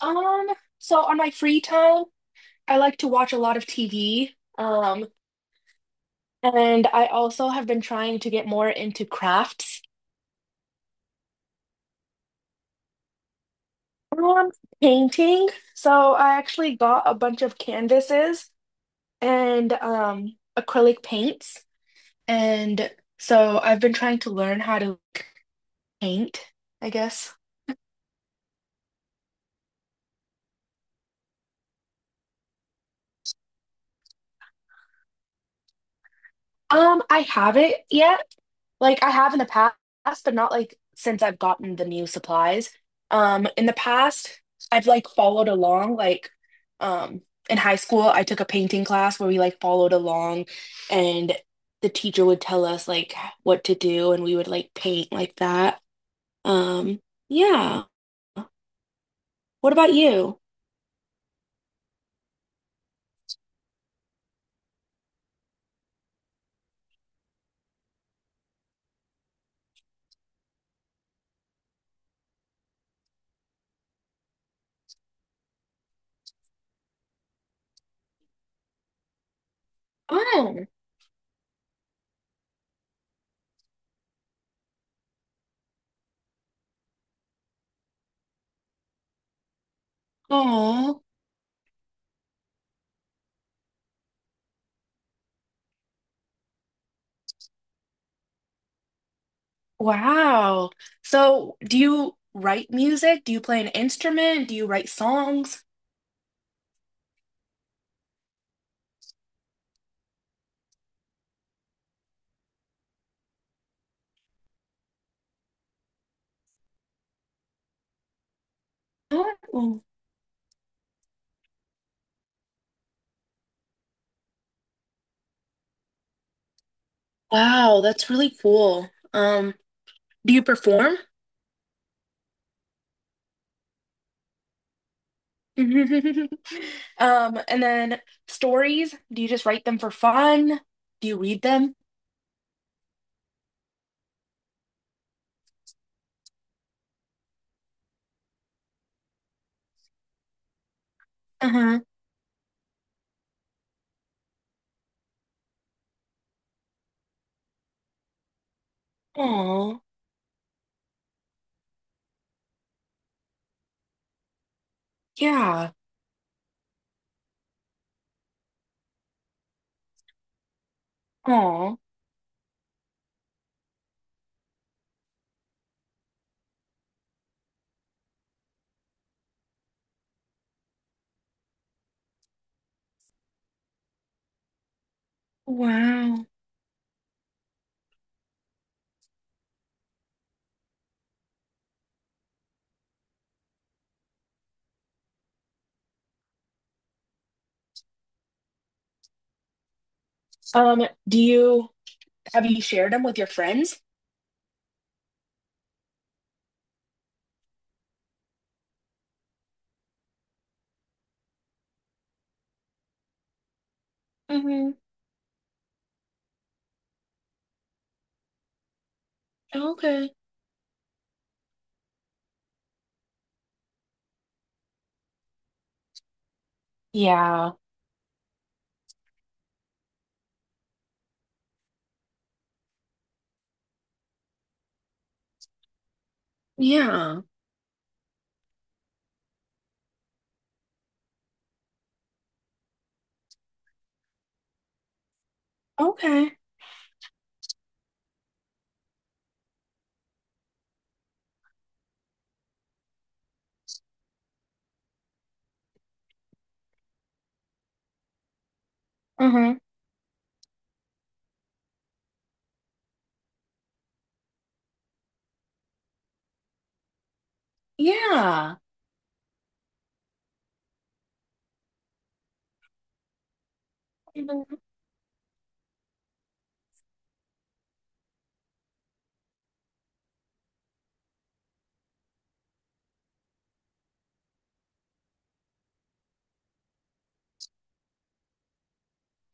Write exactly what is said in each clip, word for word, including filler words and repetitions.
Um, so on my free time, I like to watch a lot of T V. Um, and I also have been trying to get more into crafts. Um, Painting. So I actually got a bunch of canvases and um acrylic paints. And so I've been trying to learn how to like, paint, I guess. Um, I haven't yet. Like I have in the past, but not like since I've gotten the new supplies. Um, in the past, I've like followed along. Like, um, in high school, I took a painting class where we like followed along, and the teacher would tell us like what to do, and we would like paint like that. Um, yeah. What about you? Oh, oh, wow. So, do you write music? Do you play an instrument? Do you write songs? Oh. Wow, that's really cool. Um, do you perform? Um, and then stories, do you just write them for fun? Do you read them? Uh-huh. Oh, yeah. Oh, wow. um, do you have you shared them with your friends? Mm-hmm. Okay. Yeah. Yeah. Okay. Uh-huh. Yeah. Mhm.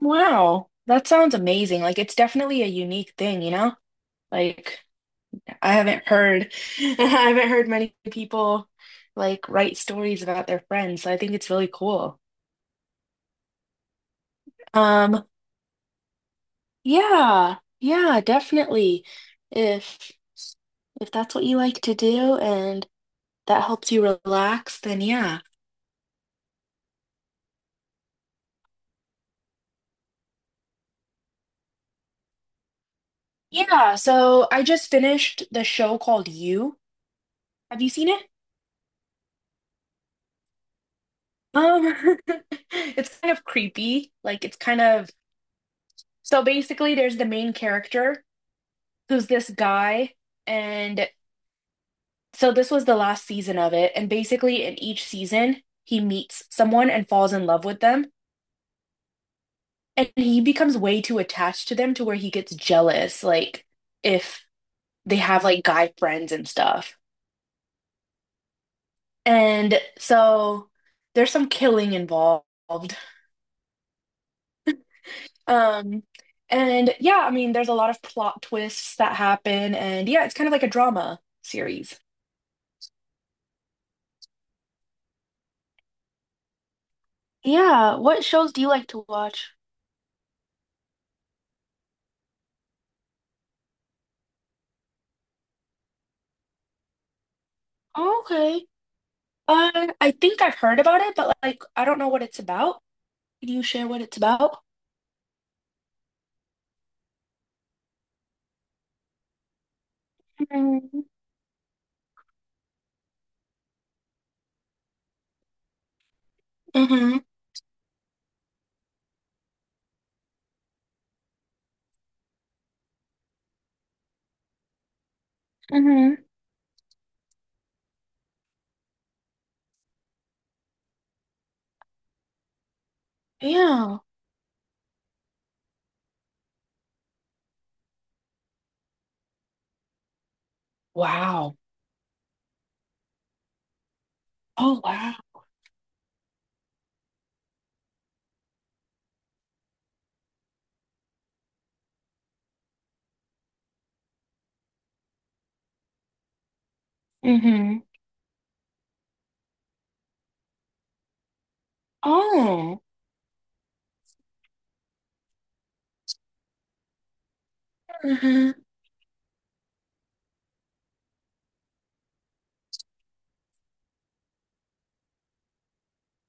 Wow. That sounds amazing. Like it's definitely a unique thing, you know? Like I haven't heard, I haven't heard many people like write stories about their friends, so I think it's really cool. Um, yeah, yeah, definitely. If if that's what you like to do and that helps you relax, then yeah. Yeah, so I just finished the show called You. Have you seen it? Um, it's kind of creepy. Like it's kind of So basically there's the main character who's this guy and so this was the last season of it, and basically in each season, he meets someone and falls in love with them, and he becomes way too attached to them to where he gets jealous, like if they have like guy friends and stuff. And so there's some killing involved. Um, and yeah, I mean, there's a lot of plot twists that happen, and yeah, it's kind of like a drama series. Yeah, what shows do you like to watch? Okay. Uh, I think I've heard about it, but like I don't know what it's about. Can you share what it's about? Mm-hmm. Mm-hmm. Mm-hmm. Yeah. Wow. Oh, wow. Mm-hmm. Oh. Mm-hmm.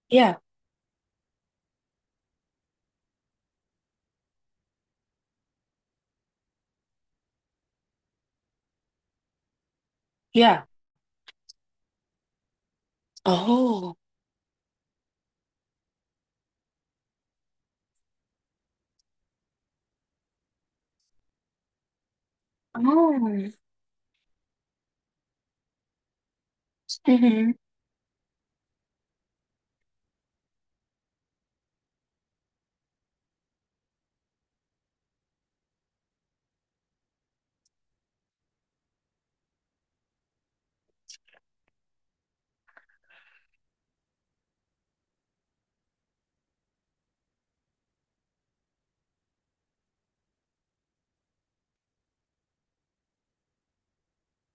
Yeah. Yeah. Oh. Oh. Mm-hmm.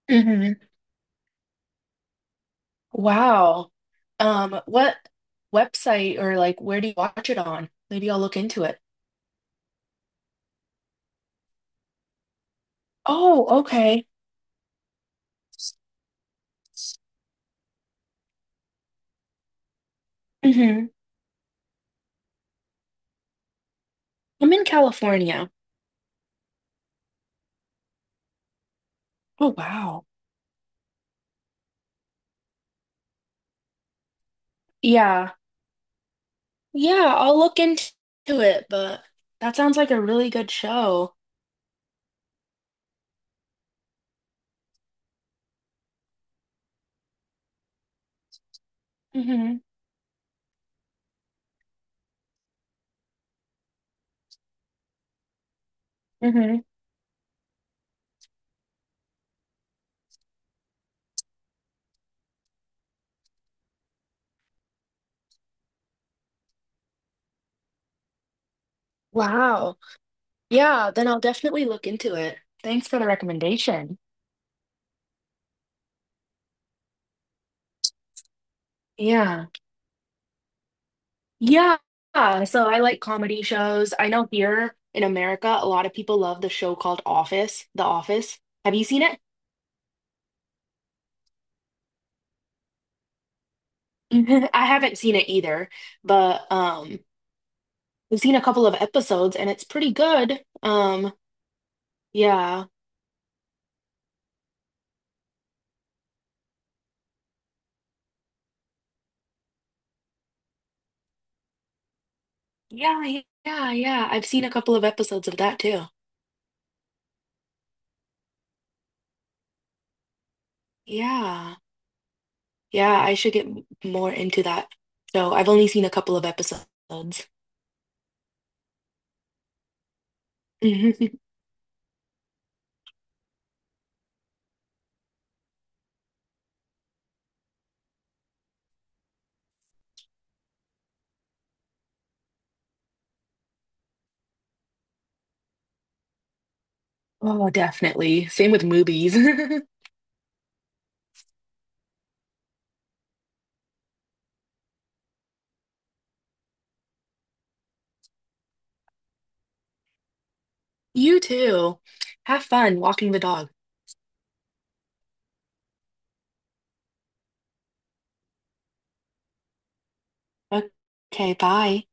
Mm-hmm. Wow. Um, what website or like where do you watch it on? Maybe I'll look into it. Oh, okay. Mm-hmm. I'm in California. Oh, wow. Yeah. Yeah, I'll look into it, but that sounds like a really good show. Hmm. Hmm. Wow. Yeah, then I'll definitely look into it. Thanks for the recommendation. Yeah. Yeah. So I like comedy shows. I know here in America, a lot of people love the show called Office, The Office. Have you seen it? I haven't seen it either, but um I've seen a couple of episodes and it's pretty good. Um, yeah. Yeah, yeah, yeah. I've seen a couple of episodes of that too. Yeah. Yeah, I should get m- more into that. So I've only seen a couple of episodes. Oh, definitely. Same with movies. You too. Have fun walking the dog. Okay, bye.